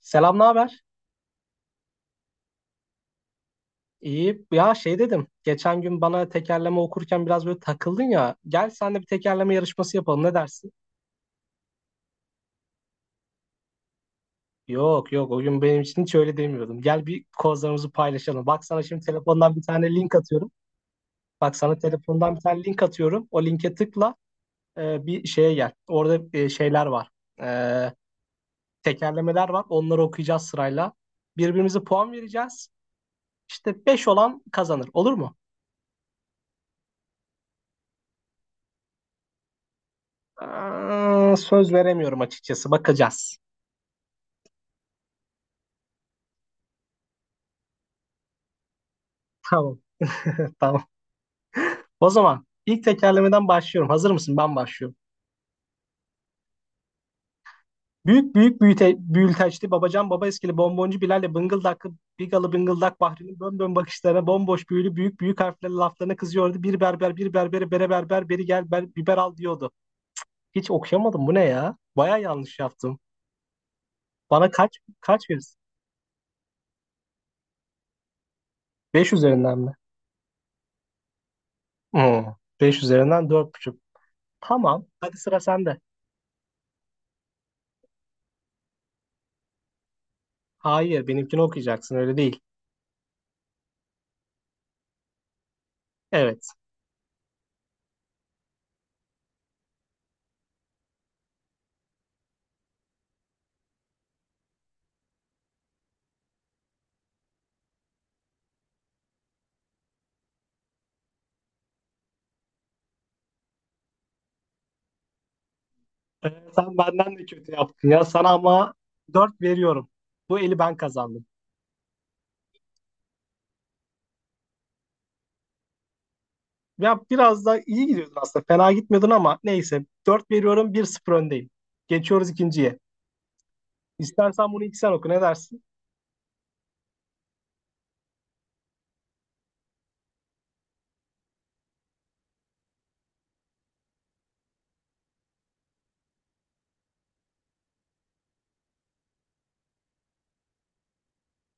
Selam, ne haber? İyi. Ya şey dedim. Geçen gün bana tekerleme okurken biraz böyle takıldın ya. Gel sen de bir tekerleme yarışması yapalım. Ne dersin? Yok yok o gün benim için hiç öyle demiyordum. Gel bir kozlarımızı paylaşalım. Bak sana şimdi telefondan bir tane link atıyorum. Bak sana telefondan bir tane link atıyorum. O linke tıkla bir şeye gel. Orada şeyler var. E, tekerlemeler var. Onları okuyacağız sırayla. Birbirimize puan vereceğiz. İşte 5 olan kazanır. Olur mu? Aa, söz veremiyorum açıkçası. Bakacağız. Tamam, tamam. O zaman ilk tekerlemeden başlıyorum. Hazır mısın? Ben başlıyorum. Büyük büyük büyüte, büyülteçli babacan baba eskili bomboncu Bilal'le bıngıldaklı bigalı bıngıldak Bahri'nin bön bön bakışlarına bomboş büyülü büyük büyük harflerle laflarına kızıyordu. Bir berber bir berbere bere berber beri gel ber, biber al diyordu. Hiç okuyamadım, bu ne ya? Baya yanlış yaptım. Bana kaç verirsin? 5 üzerinden mi? Hmm, 5 üzerinden dört buçuk. Tamam, hadi sıra sende. Hayır, benimkini okuyacaksın, öyle değil. Evet. Ee, Sen benden de kötü yaptın ya. Sana ama 4 veriyorum. Bu eli ben kazandım. Ya biraz da iyi gidiyordun aslında. Fena gitmiyordun ama neyse. Dört veriyorum. Bir 0 öndeyim. Geçiyoruz ikinciye. İstersen bunu ilk sen oku, ne dersin?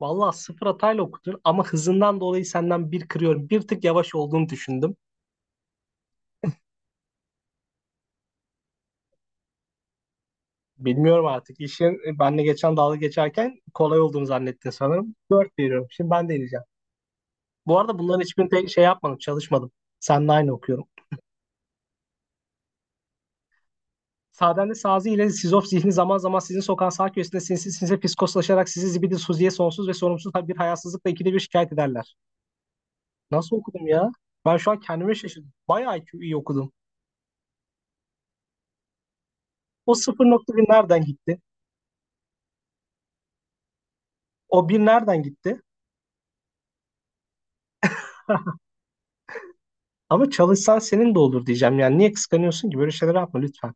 Vallahi sıfır hatayla okudun ama hızından dolayı senden bir kırıyorum. Bir tık yavaş olduğunu düşündüm. Bilmiyorum artık. İşin benle geçen dalga geçerken kolay olduğunu zannettin sanırım. 4 veriyorum. Şimdi ben deneyeceğim. Bu arada bunların hiçbirini tek şey yapmadım, çalışmadım. Seninle aynı okuyorum. Saden'de Sazi ile Sizof zihni zaman zaman sizin sokan sağ köşesinde sinsi sinsi fiskoslaşarak sizi zibidi suziye sonsuz ve sorumsuz bir hayasızlıkla ikide bir şikayet ederler. Nasıl okudum ya? Ben şu an kendime şaşırdım. Bayağı iyi okudum. O sıfır nokta bir nereden gitti? O bir nereden gitti? Ama çalışsan senin de olur diyeceğim. Yani niye kıskanıyorsun ki? Böyle şeyler yapma lütfen.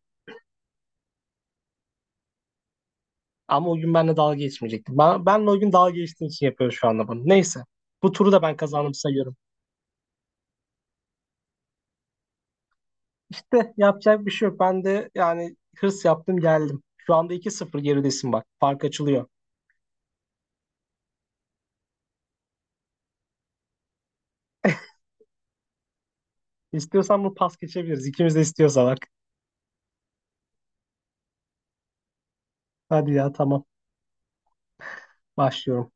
Ama o gün benimle dalga geçmeyecekti. Benle o gün dalga geçtiğin için yapıyor şu anda bunu. Neyse. Bu turu da ben kazandım sayıyorum. De yapacak bir şey yok. Ben de yani hırs yaptım geldim. Şu anda 2-0 geridesin bak. Fark açılıyor. İstiyorsan bunu pas geçebiliriz. İkimiz de istiyorsa bak. Hadi ya, tamam. Başlıyorum.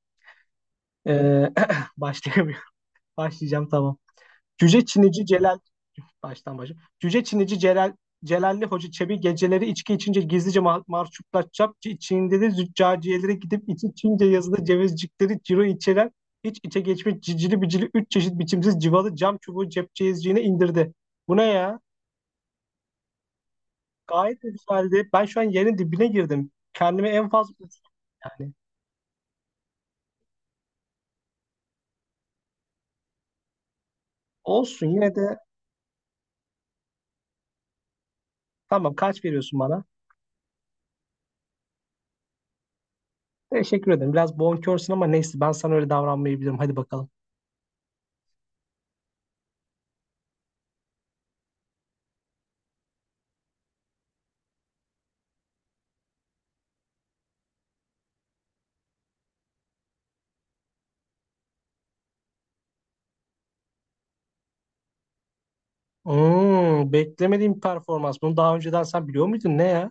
Ee, başlayamıyorum. Başlayacağım, tamam. Cüce Çinici Celal. Baştan başa. Cüce Çinici Celal, Celalli Hoca Çebi geceleri içki içince gizlice marşuplar çapçı Çin'de de züccaciyelere gidip içi Çince yazılı cevizcikleri ciro içeren hiç içe geçmiş cicili bicili üç çeşit biçimsiz civalı cam çubuğu cepçeyizciğine indirdi. Bu ne ya? Gayet de güzeldi. Ben şu an yerin dibine girdim. Kendime en fazla yani olsun yine de, tamam, kaç veriyorsun bana? Teşekkür ederim. Biraz bonkörsün ama neyse, ben sana öyle davranmayabilirim. Hadi bakalım. Hmm, beklemediğim bir performans. Bunu daha önceden sen biliyor muydun? Ne ya?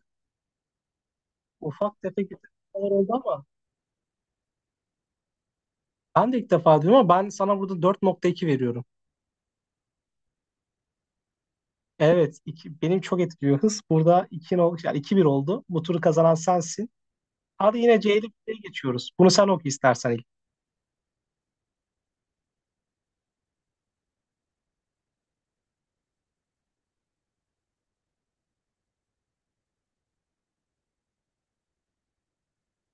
Ufak tefek bir tepkiler oldu ama. Ben de ilk defa duydum ama ben sana burada dört nokta iki veriyorum. Evet, iki, benim çok etkiliyor hız. Burada 2, yani iki bir oldu. Bu turu kazanan sensin. Hadi yine C'li bir şeye geçiyoruz. Bunu sen oku istersen.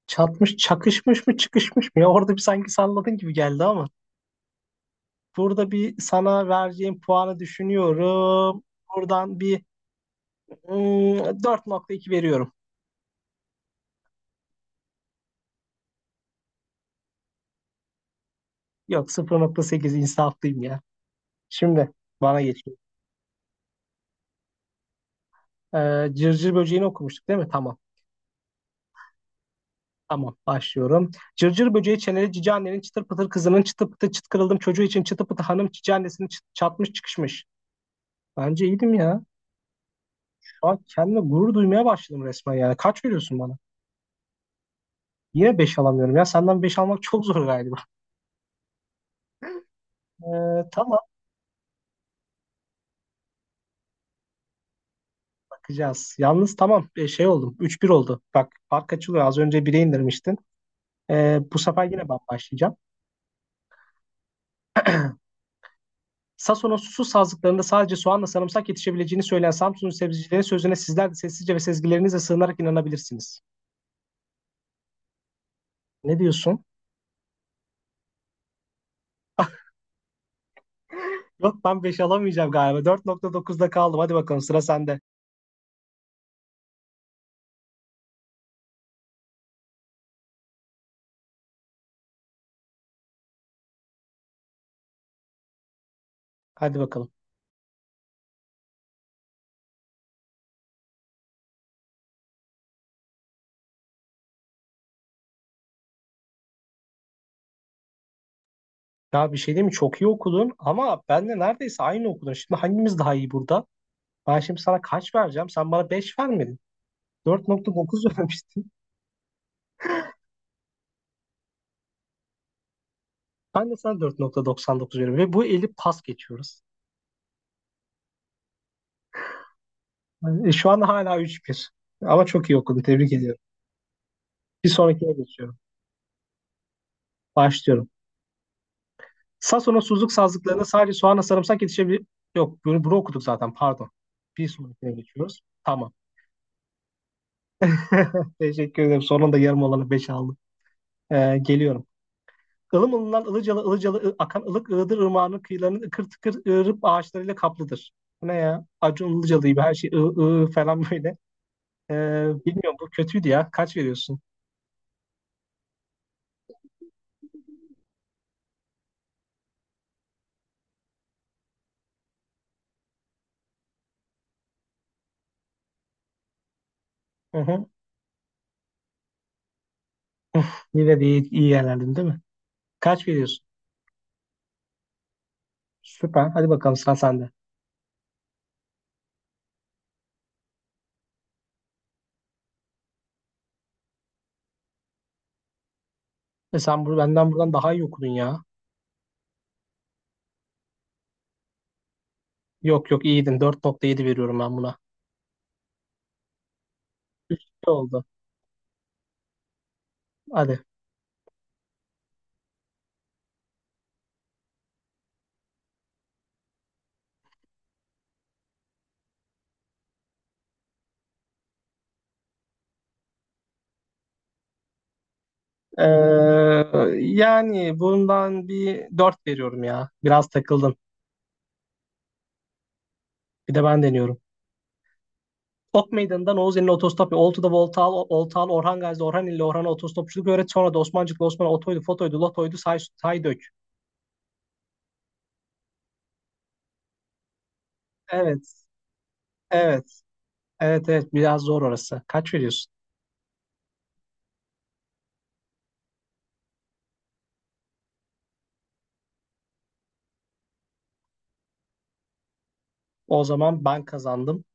Çatmış, çakışmış mı, çıkışmış mı? Ya orada bir sanki salladın gibi geldi ama. Burada bir sana vereceğim puanı düşünüyorum. Buradan bir hmm, dört nokta iki veriyorum. Yok, sıfır nokta sekiz insaflıyım ya. Şimdi bana geçiyor. Cırcır böceğini okumuştuk değil mi? Tamam. Tamam, başlıyorum. Cırcır böceği çeneli cici annenin çıtır pıtır kızının çıtı pıtı çıt kırıldım çocuğu için çıtı pıtı hanım cici annesini çatmış çıkışmış. Bence iyiydim ya. Şu an kendime gurur duymaya başladım resmen yani. Kaç veriyorsun bana? Yine 5 alamıyorum ya. Senden 5 almak çok zor galiba. Tamam, bakacağız. Yalnız tamam, şey oldum. 3-1 oldu. Bak fark açılıyor. Az önce 1'e indirmiştin. Bu sefer yine ben başlayacağım. Sason'un susuz sazlıklarında sadece soğanla sarımsak yetişebileceğini söyleyen Samsun'un sebzecilerin sözüne sizler de sessizce ve sezgilerinizle sığınarak inanabilirsiniz. Ne diyorsun? Yok, ben beş alamayacağım galiba. 4.9'da kaldım. Hadi bakalım, sıra sende. Hadi bakalım. Ya bir şey değil mi? Çok iyi okudun ama ben de neredeyse aynı okudun. Şimdi hangimiz daha iyi burada? Ben şimdi sana kaç vereceğim? Sen bana 5 vermedin. Dört nokta dokuz vermiştin. Ben de sana dört nokta doksan dokuz veriyorum. Ve bu eli pas geçiyoruz. Yani şu an hala üç bir. Ama çok iyi okudun. Tebrik ediyorum. Bir sonrakine geçiyorum. Başlıyorum. Sason'un suzluk sazlıklarına sadece soğanla sarımsak yetişebilir. Yok, bunu okuduk zaten. Pardon. Bir sonrakine geçiyoruz. Tamam. Teşekkür ederim. Sonunda yarım olanı 5 aldım. Geliyorum. Ilım ılınan ılıcalı ılıcalı akan ılık ığdır ırmağının kıyılarının ıkır tıkır ığırıp ağaçlarıyla kaplıdır. Bu ne ya? Acun Ilıcalı gibi her şey ığ ığ falan böyle. Ee, Bilmiyorum, bu kötüydü ya. Kaç veriyorsun? Hı hı. Yine de iyi yerlerdin değil mi? Kaç veriyorsun? Süper. Hadi bakalım, sıra sende. E sen bunu benden buradan daha iyi okudun ya. Yok yok, iyiydin. Dört nokta yedi veriyorum ben buna. Ne oldu? Hadi. Ee, Yani bundan bir 4 veriyorum ya. Biraz takıldın. Bir de ben deniyorum. Top Meydanı'ndan Oğuzeli'ne otostop, Oltu'da Voltal, Oltal, Orhan Gazi'de Orhan ile Orhan'a otostopçuluk öğret. Sonra da Osmancık'la Osman'a otoydu, fotoydu, lotoydu, say, say dök. Evet, evet, evet, evet. Biraz zor orası. Kaç veriyorsun? O zaman ben kazandım.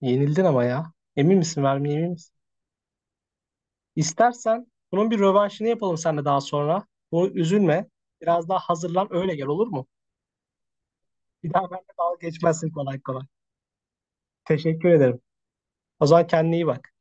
Yenildin ama ya. Emin misin, vermeye emin misin? İstersen bunun bir rövanşını yapalım seninle daha sonra. Bu üzülme. Biraz daha hazırlan öyle gel, olur mu? Bir daha benimle dalga geçmezsin kolay kolay. Teşekkür ederim. O zaman kendine iyi bak.